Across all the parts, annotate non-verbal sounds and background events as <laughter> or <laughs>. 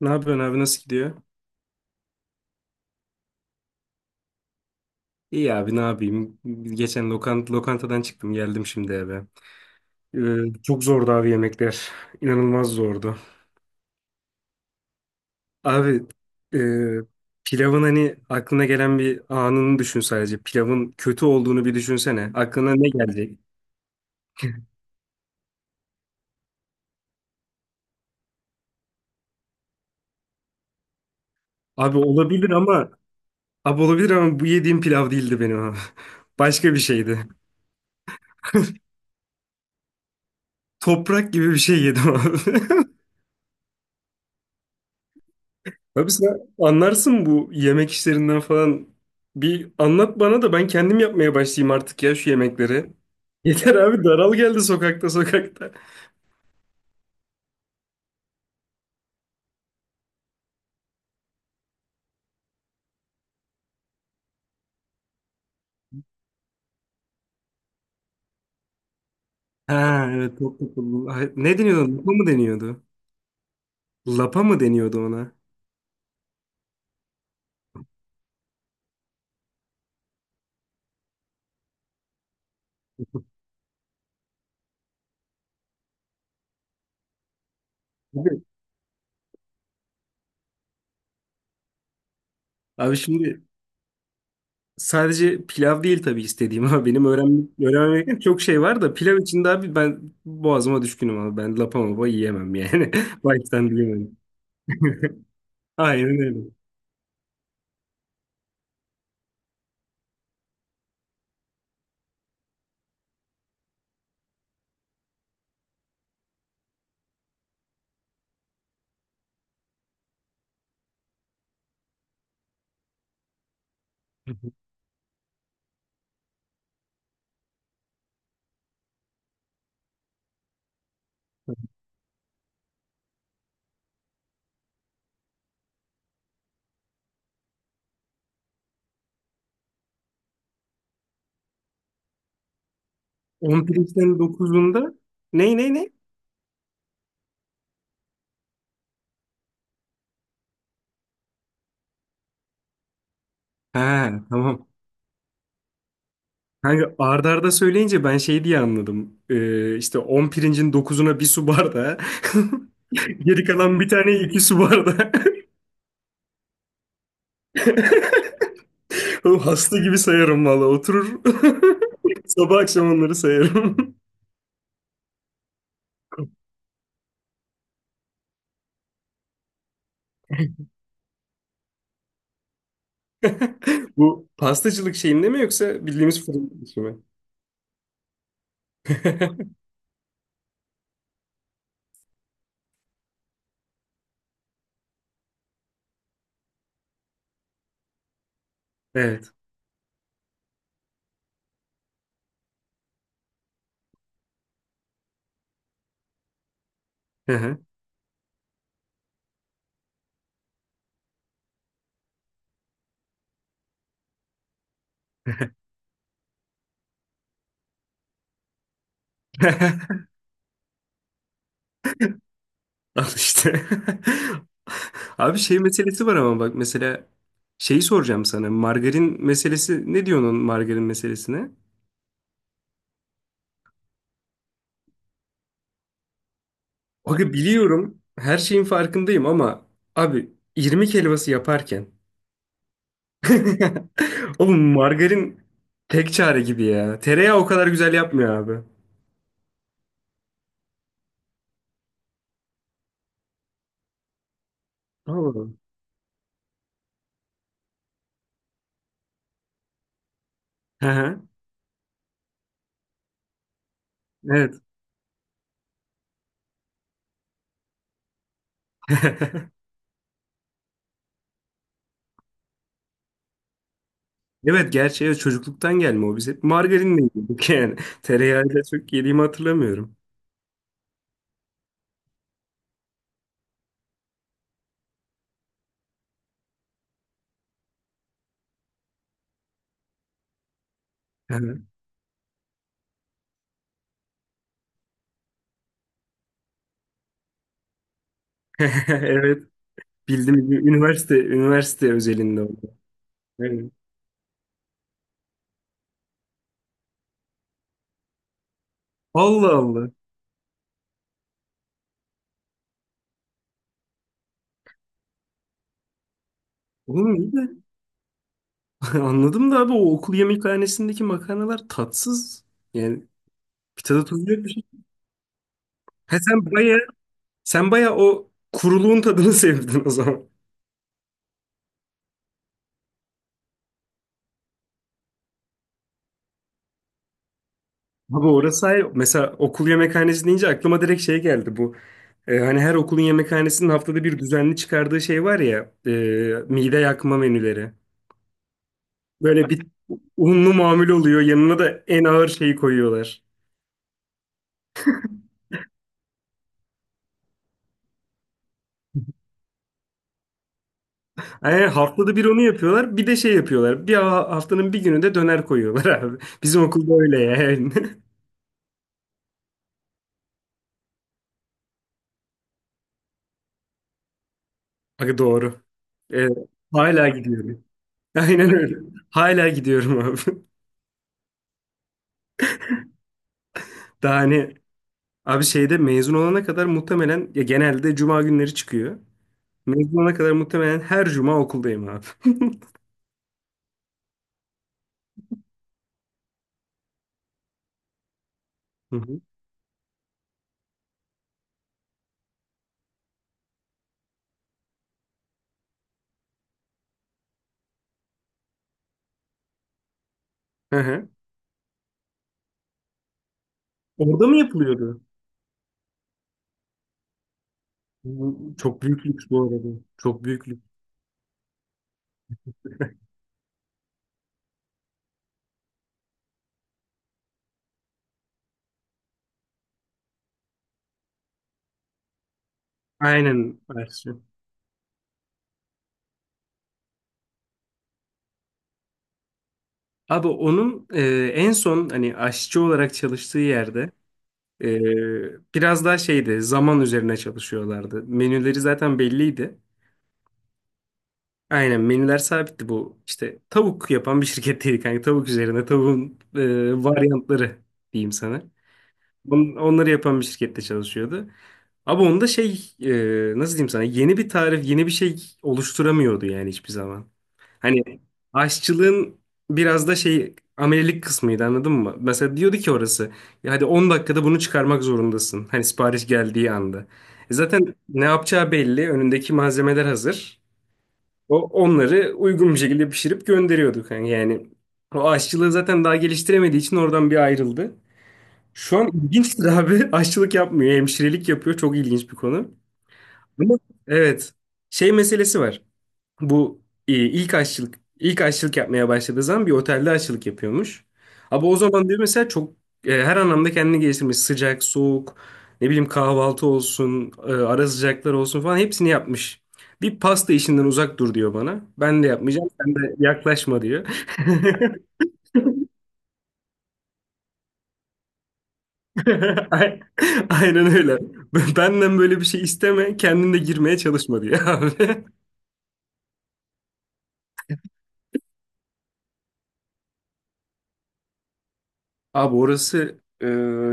Ne yapıyorsun abi nasıl gidiyor? İyi abi ne yapayım? Geçen lokantadan çıktım geldim şimdi eve. Çok zordu abi yemekler. İnanılmaz zordu. Abi e, pilavın hani aklına gelen bir anını düşün sadece. Pilavın kötü olduğunu bir düşünsene. Aklına ne gelecek? Abi olabilir ama abi olabilir ama bu yediğim pilav değildi benim abi. <laughs> Başka bir şeydi. Toprak gibi bir şey yedim abi. <laughs> Abi sen anlarsın bu yemek işlerinden falan. Bir anlat bana da ben kendim yapmaya başlayayım artık ya şu yemekleri. <laughs> Yeter abi daral geldi sokakta sokakta. Ha evet çok kokulu. Ay, ne deniyordu? Lapa mı deniyordu? Lapa mı deniyordu ona? Abi, abi, şimdi sadece pilav değil tabii istediğim ama benim öğrenmem gereken çok şey var da pilav içinde abi ben boğazıma düşkünüm abi. Ben lapa mapa yiyemem yani. <laughs> Baştan bilemem. <laughs> Aynen öyle. 11'den dokuzunda ne? Ha tamam. Kanka arda arda söyleyince ben şey diye anladım. İşte 10 pirincin dokuzuna bir su bardağı. <laughs> Geri kalan bir tane 2 su bardağı. <laughs> Oğlum hasta gibi sayarım valla. Oturur. <laughs> Sabah akşam onları sayarım. <laughs> Bu pastacılık şeyinde mi yoksa bildiğimiz fırın işi mi? <laughs> Evet. Hı hı. <laughs> Al işte. <laughs> Abi şey meselesi var ama bak mesela şeyi soracağım sana. Margarin meselesi ne diyorsun onun margarin meselesine? Abi biliyorum her şeyin farkındayım ama abi irmik helvası yaparken <laughs> oğlum margarin tek çare gibi ya. Tereyağı o kadar güzel yapmıyor abi. Allah. Hı hı. Evet. <laughs> Evet gerçi evet, çocukluktan gelme o biz hep margarinle yedik yani. Tereyağıyla çok yediğimi hatırlamıyorum. Hı hı. <laughs> Evet. Bildiğim gibi üniversite özelinde oldu. Evet. Allah Allah. Oğlum iyi de. <laughs> Anladım da abi o okul yemekhanesindeki makarnalar tatsız. Yani bir tadı tuzu yok bir şey. He sen baya o kuruluğun tadını <laughs> sevdin o zaman. Abi orası hayır. Mesela okul yemekhanesi deyince aklıma direkt şey geldi bu. Hani her okulun yemekhanesinin haftada bir düzenli çıkardığı şey var ya. Mide yakma menüleri. Böyle bir unlu mamul oluyor. Yanına da en ağır şeyi koyuyorlar. Yani haftada bir onu yapıyorlar. Bir de şey yapıyorlar. Bir haftanın bir günü de döner koyuyorlar <laughs> abi. Bizim okulda öyle yani. <laughs> Aga doğru. Evet, hala gidiyorum. <laughs> Aynen öyle. Hala gidiyorum abi. <laughs> Daha hani abi şeyde mezun olana kadar muhtemelen ya genelde cuma günleri çıkıyor. Mezun olana kadar muhtemelen her cuma okuldayım abi. <laughs> Hı hı. Hı hı. Orada mı yapılıyordu? Bu çok büyük lüks bu arada. Çok büyük lüks. Aynen. Ersin. Abi onun en son hani aşçı olarak çalıştığı yerde biraz daha şeydi zaman üzerine çalışıyorlardı. Menüleri zaten belliydi. Aynen menüler sabitti bu. İşte tavuk yapan bir şirketteydi kanka. Tavuk üzerine tavuğun varyantları diyeyim sana. Onları yapan bir şirkette çalışıyordu. Abi onda şey nasıl diyeyim sana yeni bir tarif yeni bir şey oluşturamıyordu yani hiçbir zaman. Hani aşçılığın biraz da şey amelilik kısmıydı anladın mı? Mesela diyordu ki orası ya hadi 10 dakikada bunu çıkarmak zorundasın. Hani sipariş geldiği anda. E zaten ne yapacağı belli. Önündeki malzemeler hazır. O onları uygun bir şekilde pişirip gönderiyorduk. Yani, o aşçılığı zaten daha geliştiremediği için oradan bir ayrıldı. Şu an ilginçtir abi. <laughs> Aşçılık yapmıyor. Hemşirelik yapıyor. Çok ilginç bir konu. Ama evet. Şey meselesi var. Bu ilk aşçılık yapmaya başladığı zaman bir otelde aşçılık yapıyormuş. Ama o zaman diyor mesela çok her anlamda kendini geliştirmiş. Sıcak, soğuk, ne bileyim kahvaltı olsun, ara sıcaklar olsun falan hepsini yapmış. Bir pasta işinden uzak dur diyor bana. Ben de yapmayacağım, sen de yaklaşma diyor. <laughs> Ay- Aynen öyle. Benden böyle bir şey isteme, kendin de girmeye çalışma diyor abi. <laughs> Abi orası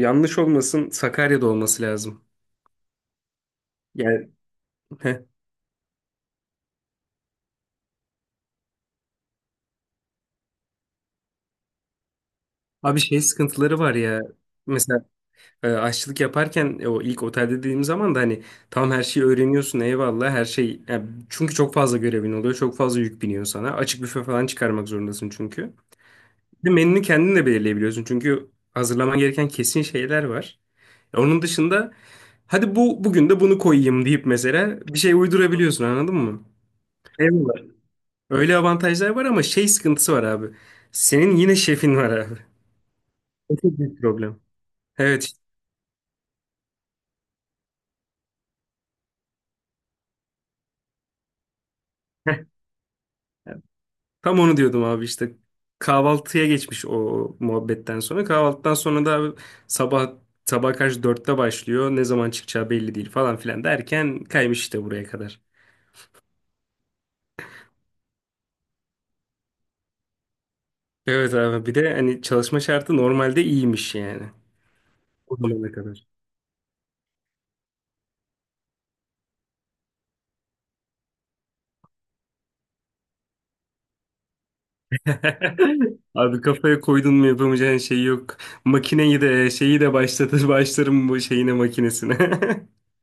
yanlış olmasın Sakarya'da olması lazım. Yani <laughs> Abi şey sıkıntıları var ya. Mesela aşçılık yaparken o ilk otelde dediğim zaman da hani tam her şeyi öğreniyorsun eyvallah her şey. Yani çünkü çok fazla görevin oluyor. Çok fazla yük biniyor sana. Açık büfe falan çıkarmak zorundasın çünkü. Bir de menünü kendin de belirleyebiliyorsun. Çünkü hazırlaman gereken kesin şeyler var. Onun dışında hadi bu bugün de bunu koyayım deyip mesela bir şey uydurabiliyorsun anladın mı? Eyvallah. Öyle avantajlar var ama şey sıkıntısı var abi. Senin yine şefin var abi. <laughs> O çok büyük problem. Evet. <laughs> Tam onu diyordum abi işte kahvaltıya geçmiş o muhabbetten sonra. Kahvaltıdan sonra da abi sabah sabah karşı 4'te başlıyor. Ne zaman çıkacağı belli değil falan filan derken kaymış işte buraya kadar. Evet abi bir de hani çalışma şartı normalde iyiymiş yani. O zamana kadar. <laughs> Abi kafaya koydun mu yapamayacağın şey yok. Makineyi de şeyi de başlatır başlarım bu şeyine makinesine. <laughs>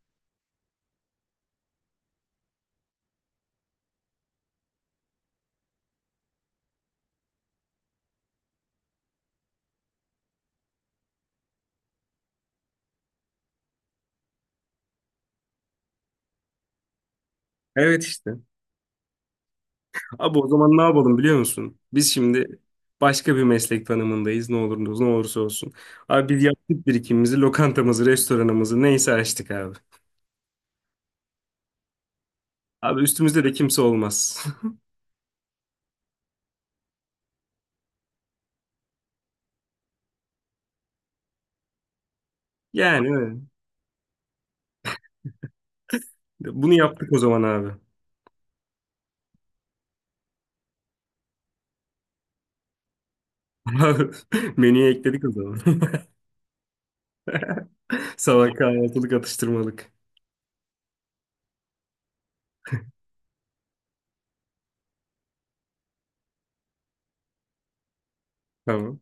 Evet işte. Abi o zaman ne yapalım biliyor musun? Biz şimdi başka bir meslek tanımındayız ne oluruz ne olursa olsun. Abi biz yaptık birikimimizi, lokantamızı, restoranımızı neyse açtık abi. Abi üstümüzde de kimse olmaz. <laughs> Yani öyle. Bunu yaptık o zaman abi. <laughs> Abi, menüye ekledik o zaman. <laughs> Sabah kahvaltılık atıştırmalık. Tamam.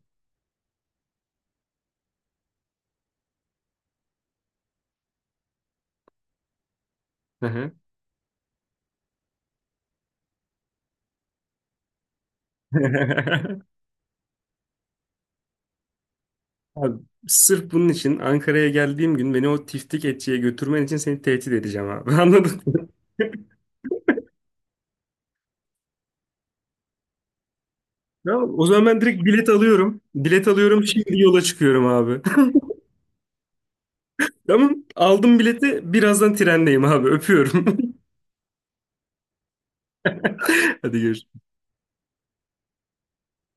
Hı hı. <laughs> Abi, sırf bunun için Ankara'ya geldiğim gün beni o tiftik etçiye götürmen için seni tehdit edeceğim abi. <laughs> Anladın mı? Tamam, o zaman ben direkt bilet alıyorum. Bilet alıyorum şimdi yola çıkıyorum abi. <laughs> Tamam aldım bileti birazdan trendeyim abi öpüyorum. <laughs> Hadi görüşürüz.